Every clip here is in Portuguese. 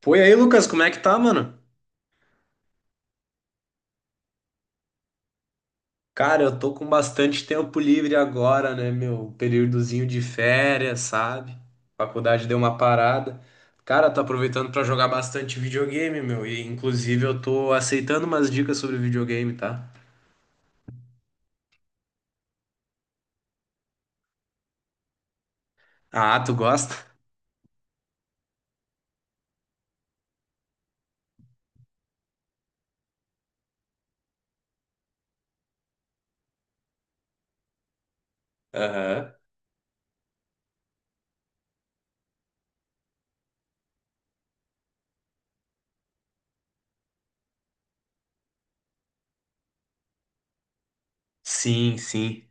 Foi aí, Lucas, como é que tá, mano? Cara, eu tô com bastante tempo livre agora, né, meu? Um períodozinho de férias, sabe? Faculdade deu uma parada. Cara, tô aproveitando pra jogar bastante videogame, meu. E inclusive eu tô aceitando umas dicas sobre videogame, tá? Ah, tu gosta? Aham. Sim, sim.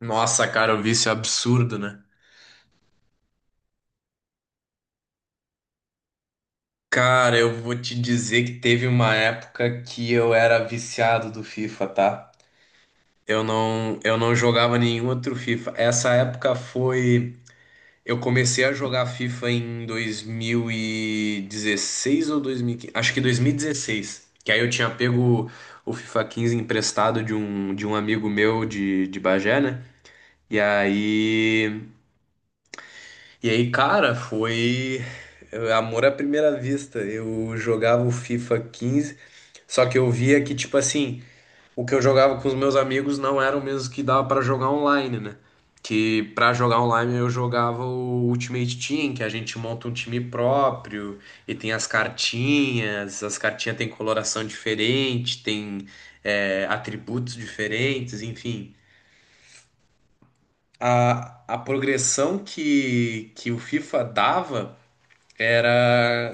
Nossa, cara, o vício é absurdo, né? Cara, eu vou te dizer que teve uma época que eu era viciado do FIFA, tá? Eu não jogava nenhum outro FIFA. Essa época foi. Eu comecei a jogar FIFA em 2016 ou 2015? Acho que 2016. Que aí eu tinha pego o FIFA 15 emprestado de um, amigo meu de Bagé, né? E aí. E aí, cara, foi. Amor à primeira vista. Eu jogava o FIFA 15, só que eu via que, tipo assim, o que eu jogava com os meus amigos não era o mesmo que dava pra jogar online, né? Que pra jogar online eu jogava o Ultimate Team, que a gente monta um time próprio e tem as cartinhas têm coloração diferente, tem atributos diferentes, enfim. A progressão que o FIFA dava era,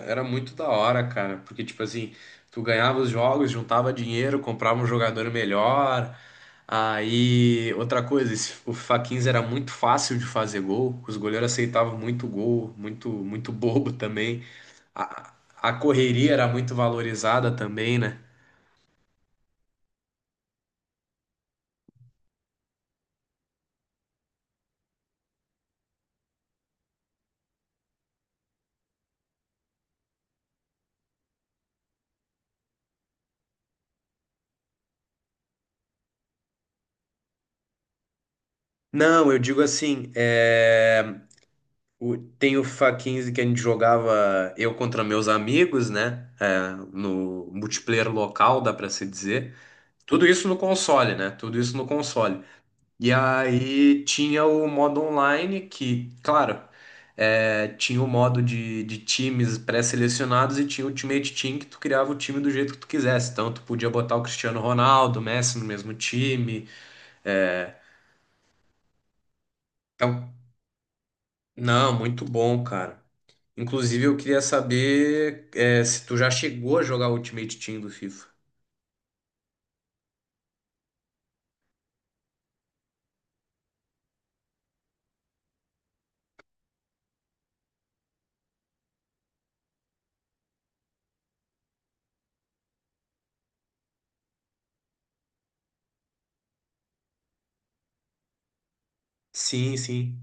era muito da hora, cara, porque, tipo assim, tu ganhava os jogos, juntava dinheiro, comprava um jogador melhor. Aí, outra coisa, o FIFA 15 era muito fácil de fazer gol, os goleiros aceitavam muito gol, muito, muito bobo também. A, a correria era muito valorizada também, né? Não, eu digo assim, tem o FIFA 15 que a gente jogava eu contra meus amigos, né? É, no multiplayer local, dá pra se dizer. Tudo isso no console, né? Tudo isso no console. E aí tinha o modo online, que, claro, tinha o modo de, times pré-selecionados e tinha o Ultimate Team, que tu criava o time do jeito que tu quisesse. Então, tu podia botar o Cristiano Ronaldo, o Messi no mesmo time. É. Então, não, muito bom, cara. Inclusive, eu queria saber, se tu já chegou a jogar o Ultimate Team do FIFA. Sim, sim.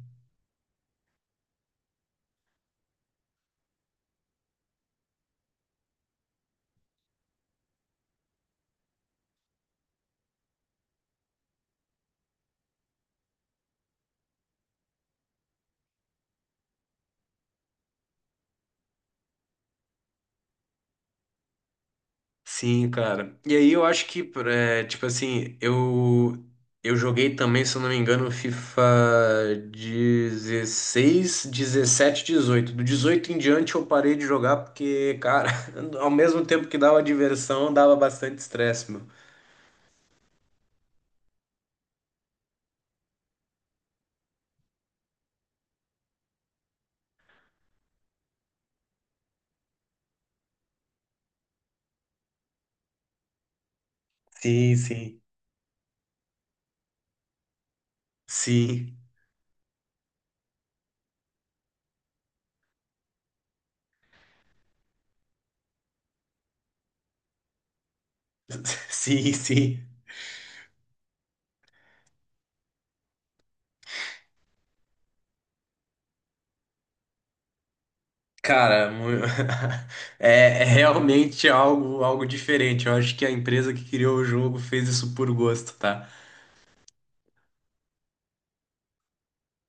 Sim, cara. E aí eu acho que, tipo assim, eu joguei também, se eu não me engano, FIFA 16, 17, 18. Do 18 em diante eu parei de jogar porque, cara, ao mesmo tempo que dava diversão, dava bastante estresse, meu. Sim, sim. Sim. Sim, sim. Cara, é realmente algo diferente. Eu acho que a empresa que criou o jogo fez isso por gosto, tá?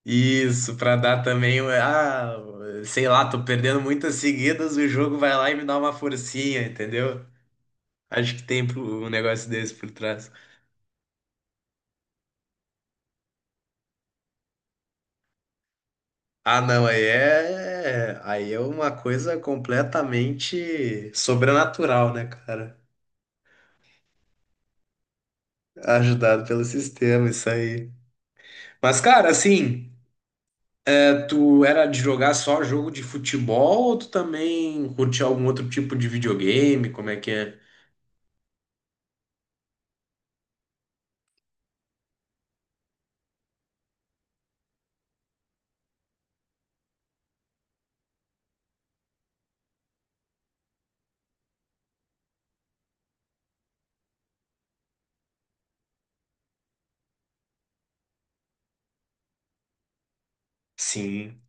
Isso, pra dar também, sei lá, tô perdendo muitas seguidas, o jogo vai lá e me dá uma forcinha, entendeu? Acho que tem um negócio desse por trás. Ah, não, aí é uma coisa completamente sobrenatural, né, cara? Ajudado pelo sistema, isso aí. Mas, cara, assim, tu era de jogar só jogo de futebol ou tu também curtia algum outro tipo de videogame? Como é que é? Sim.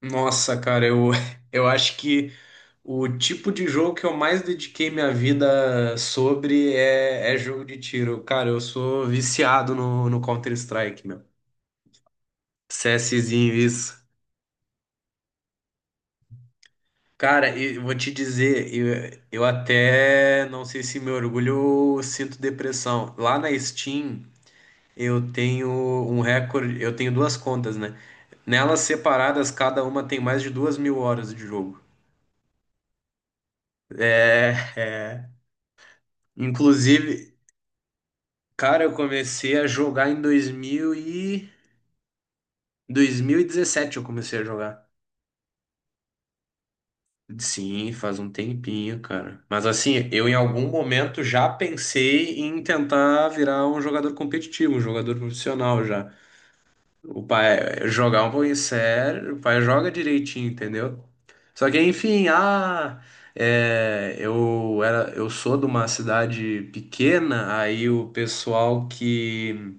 Nossa, cara, eu, eu acho que o tipo de jogo que eu mais dediquei minha vida sobre é jogo de tiro. Cara, eu sou viciado no Counter-Strike, meu. CSzinho, isso. Cara, e eu vou te dizer, eu até não sei se me orgulho ou sinto depressão. Lá na Steam, eu tenho um recorde, eu tenho duas contas, né? Nelas separadas, cada uma tem mais de 2.000 horas de jogo. É, é. Inclusive, cara, eu comecei a jogar em 2000 e... 2017 eu comecei a jogar. Sim, faz um tempinho, cara. Mas assim, eu em algum momento já pensei em tentar virar um jogador competitivo, um jogador profissional já. O pai jogar um pouquinho sério, o pai joga direitinho, entendeu? Só que enfim, eu era, eu sou de uma cidade pequena, aí o pessoal que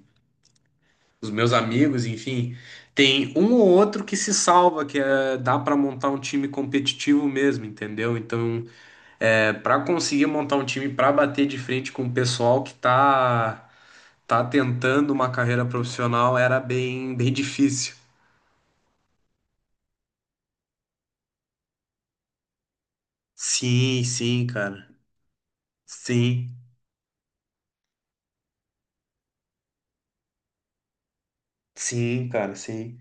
os meus amigos, enfim, tem um ou outro que se salva, que dá para montar um time competitivo mesmo, entendeu? Então, para conseguir montar um time para bater de frente com o pessoal que tá tá tentando uma carreira profissional era bem bem difícil. Sim, sim, cara. Sim, sim, cara, sim.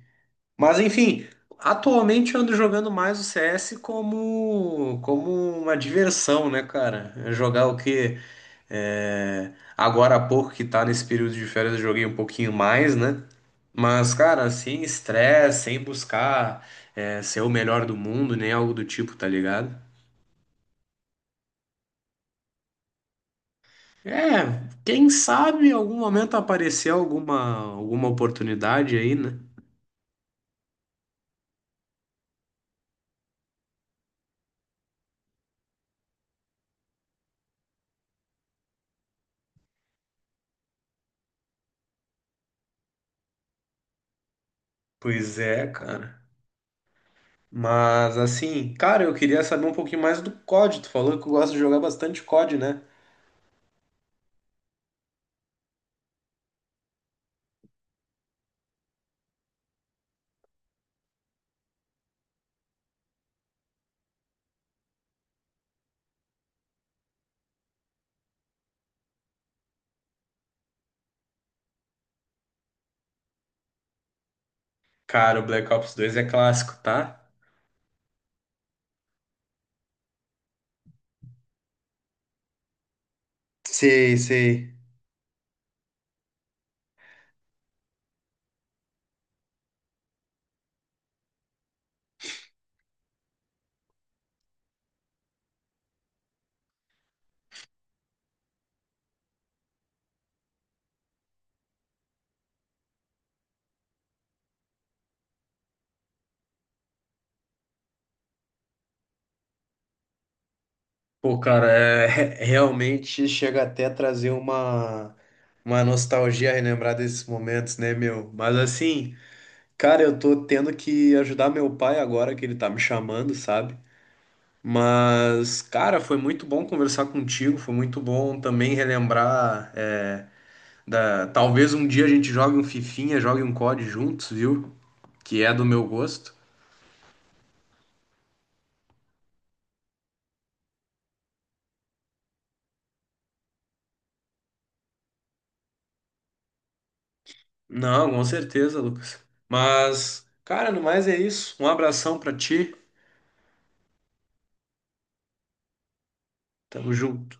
Mas enfim, atualmente eu ando jogando mais o CS como uma diversão, né, cara? É, jogar o quê? Agora há pouco que tá nesse período de férias, eu joguei um pouquinho mais, né? Mas, cara, sem estresse, sem buscar ser o melhor do mundo, nem algo do tipo, tá ligado? É, quem sabe em algum momento aparecer alguma oportunidade aí, né? Pois é, cara. Mas assim, cara, eu queria saber um pouquinho mais do COD. Tu falou que gosta de jogar bastante COD, né? Cara, o Black Ops 2 é clássico, tá? Sei, sei. Pô, cara, é, realmente chega até a trazer uma nostalgia relembrar desses momentos, né, meu? Mas assim, cara, eu tô tendo que ajudar meu pai agora que ele tá me chamando, sabe? Mas, cara, foi muito bom conversar contigo, foi muito bom também relembrar é, da. Talvez um dia a gente jogue um Fifinha, jogue um COD juntos, viu? Que é do meu gosto. Não, com certeza, Lucas. Mas, cara, no mais é isso. Um abração pra ti. Tamo junto.